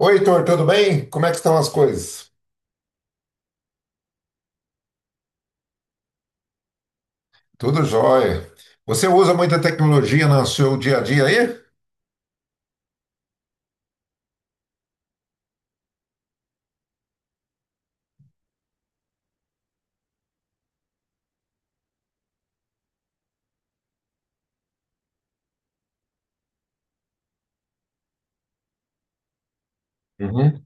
Oi, Heitor, tudo bem? Como é que estão as coisas? Tudo jóia. Você usa muita tecnologia no seu dia a dia aí? Uhum.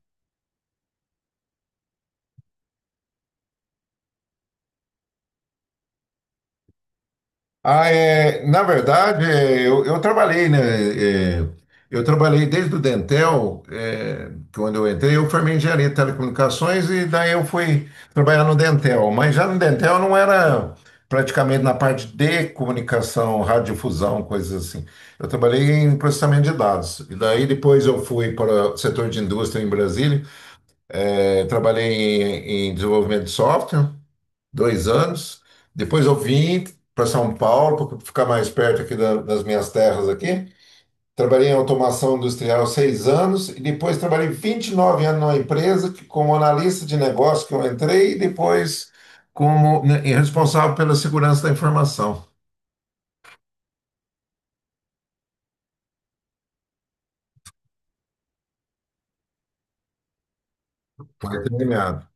Ah, é, na verdade, eu trabalhei, né? é, eu trabalhei desde o Dentel, quando eu entrei, eu formei em engenharia de telecomunicações e daí eu fui trabalhar no Dentel. Mas já no Dentel não era praticamente na parte de comunicação, radiodifusão, coisas assim. Eu trabalhei em processamento de dados. E daí depois eu fui para o setor de indústria em Brasília, trabalhei em desenvolvimento de software 2 anos. Depois eu vim para São Paulo, para ficar mais perto aqui das minhas terras aqui. Trabalhei em automação industrial 6 anos e depois trabalhei 29 anos numa empresa que, como analista de negócio que eu entrei e depois como, né, responsável pela segurança da informação. Foi terminado.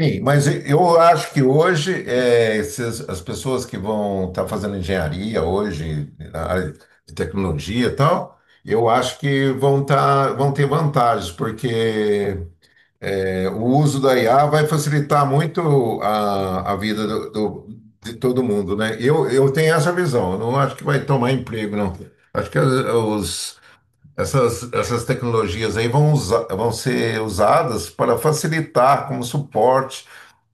Sim, mas eu acho que hoje as pessoas que vão estar fazendo engenharia hoje, na área de tecnologia e tal, eu acho que vão, tá, vão ter vantagens, porque o uso da IA vai facilitar muito a vida de todo mundo, né? Eu tenho essa visão, eu não acho que vai tomar emprego, não. Acho que essas tecnologias aí vão ser usadas para facilitar como suporte,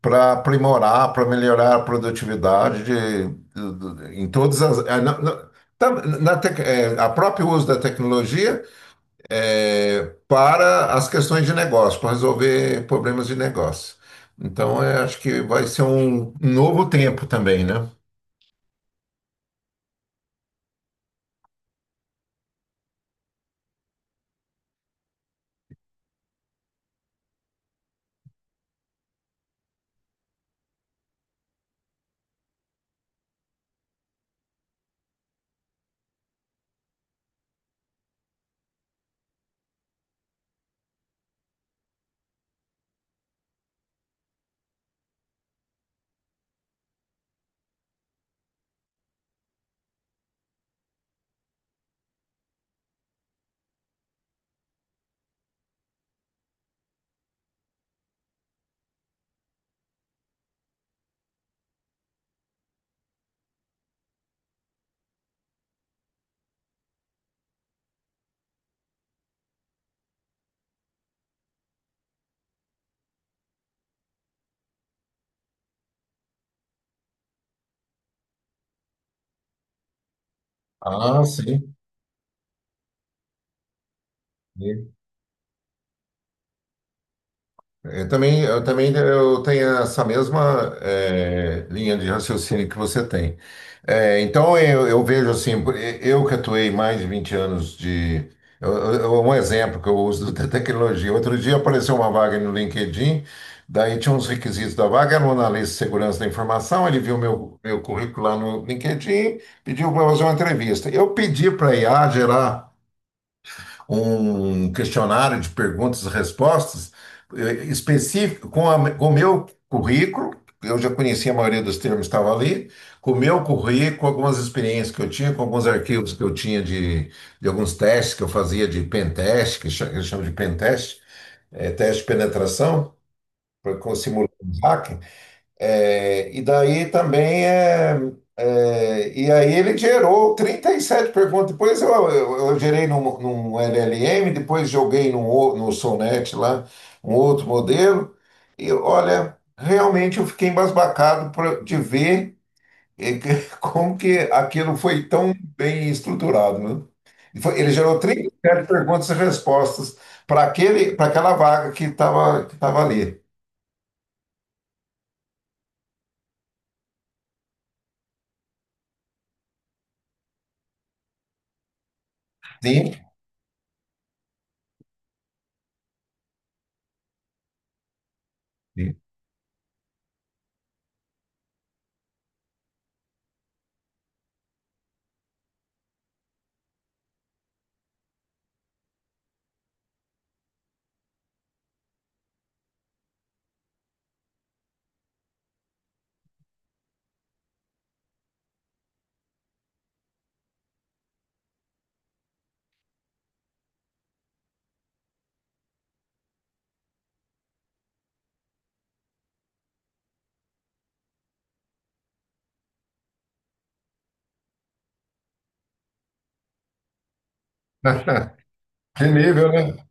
para aprimorar, para melhorar a produtividade em todas as. É, Na, na, tá- na tec- é, a próprio uso da tecnologia para as questões de negócio, para resolver problemas de negócio. Então, eu acho que vai ser um novo tempo também, né? Ah, sim. Sim. Eu também eu tenho essa mesma linha de raciocínio que você tem. Então eu vejo assim, eu que atuei mais de 20 anos de. Um exemplo que eu uso da tecnologia. Outro dia apareceu uma vaga no LinkedIn, daí tinha uns requisitos da vaga, era um analista de segurança da informação, ele viu meu currículo lá no LinkedIn, pediu para fazer uma entrevista. Eu pedi para a IA gerar um questionário de perguntas e respostas específico com o meu currículo. Eu já conhecia a maioria dos termos que estavam ali, com o meu currículo, algumas experiências que eu tinha, com alguns arquivos que eu tinha de alguns testes que eu fazia de pentest, que eles chamam de pentest, teste de penetração, para simular um hack. É, e daí também e aí ele gerou 37 perguntas. Depois eu gerei num LLM, depois joguei no Sonnet lá, um outro modelo. E olha, realmente eu fiquei embasbacado de ver como que aquilo foi tão bem estruturado, né? Ele gerou 37 perguntas e respostas para aquele, para aquela vaga que estava que tava ali. Sim. Sim. Que nível, né?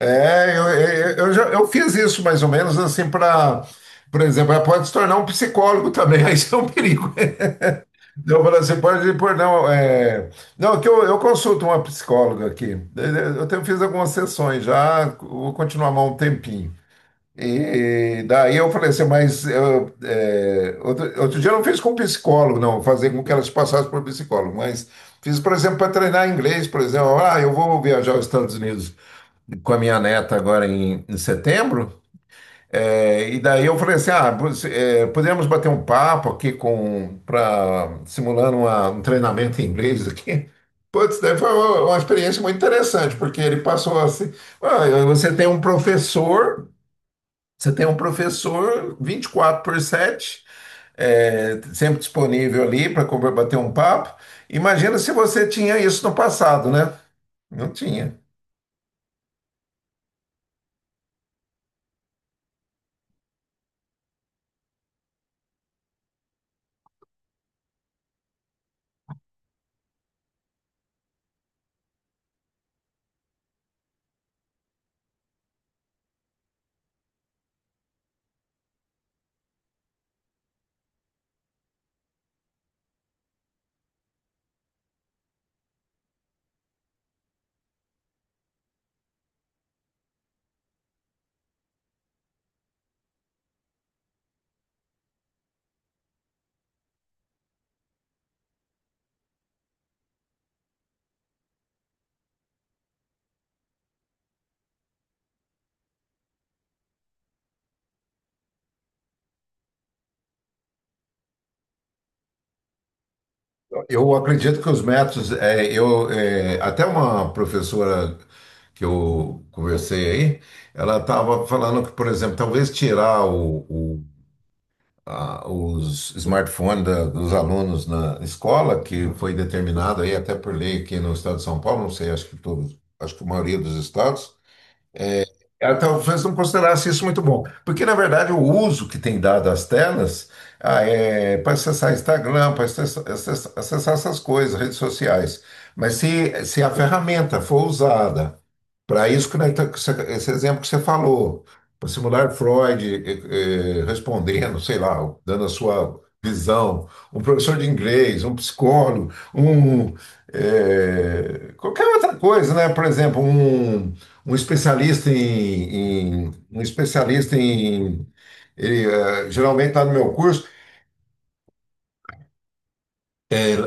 É, eu fiz isso mais ou menos assim para, por exemplo, ela pode se tornar um psicólogo também, aí isso é um perigo. Então, eu assim, pode pôr, não, não, que eu consulto uma psicóloga aqui. Eu tenho, fiz algumas sessões já, vou continuar mais um tempinho. E daí eu falei assim, mas outro dia eu não fiz com psicólogo, não, fazer com que elas passassem por psicólogo, mas fiz, por exemplo, para treinar inglês, por exemplo, ah, eu vou viajar aos Estados Unidos com a minha neta agora em setembro. É, e daí eu falei assim, ah, poderíamos bater um papo aqui com para simulando um treinamento em inglês aqui. Putz, daí foi uma experiência muito interessante, porque ele passou assim: "Ah, você tem um professor 24/7 sempre disponível ali para bater um papo. Imagina se você tinha isso no passado, né? Não tinha." Eu acredito que os métodos, até uma professora que eu conversei aí, ela estava falando que, por exemplo, talvez tirar os smartphones dos alunos na escola, que foi determinado aí até por lei aqui no estado de São Paulo, não sei, acho que todos, acho que a maioria dos estados, ela talvez não considerasse isso muito bom. Porque, na verdade, o uso que tem dado às telas é para acessar Instagram, para acessar, essas coisas, redes sociais. Mas se a ferramenta for usada para isso que nós tá- que você- esse exemplo que você falou, para simular Freud respondendo, sei lá, dando a sua visão, um professor de inglês, um psicólogo, qualquer outra coisa, né? Por exemplo, um especialista um especialista em ele, geralmente está no meu curso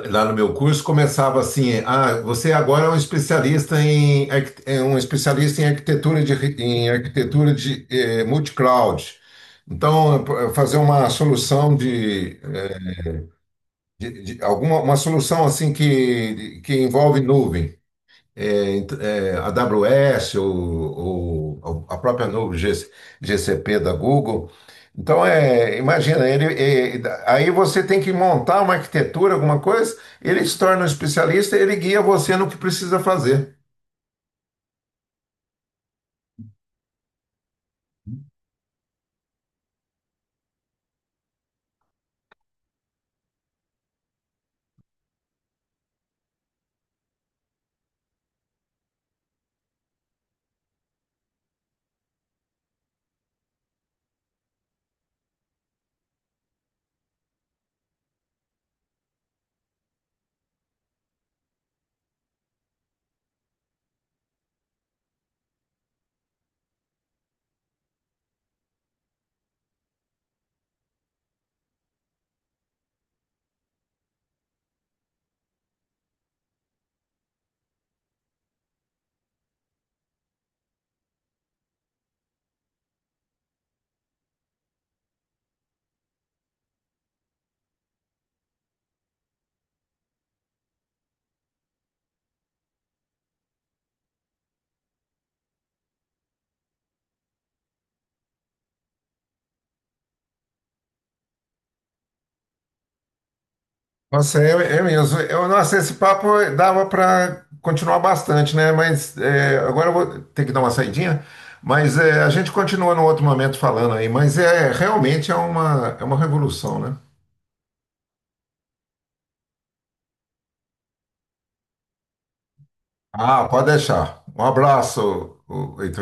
lá no meu curso começava assim: ah, você agora é um especialista em arquitetura em arquitetura multi-cloud. Então, fazer uma solução alguma uma solução assim que envolve nuvem a AWS ou a própria nuvem GCP da Google. Então, imagina, aí você tem que montar uma arquitetura, alguma coisa, ele se torna um especialista, ele guia você no que precisa fazer. Nossa, é mesmo. Nossa, esse papo dava para continuar bastante, né? Mas agora eu vou ter que dar uma saidinha. Mas a gente continua num outro momento falando aí. Mas é realmente é uma revolução, né? Ah, pode deixar. Um abraço, o Heitor.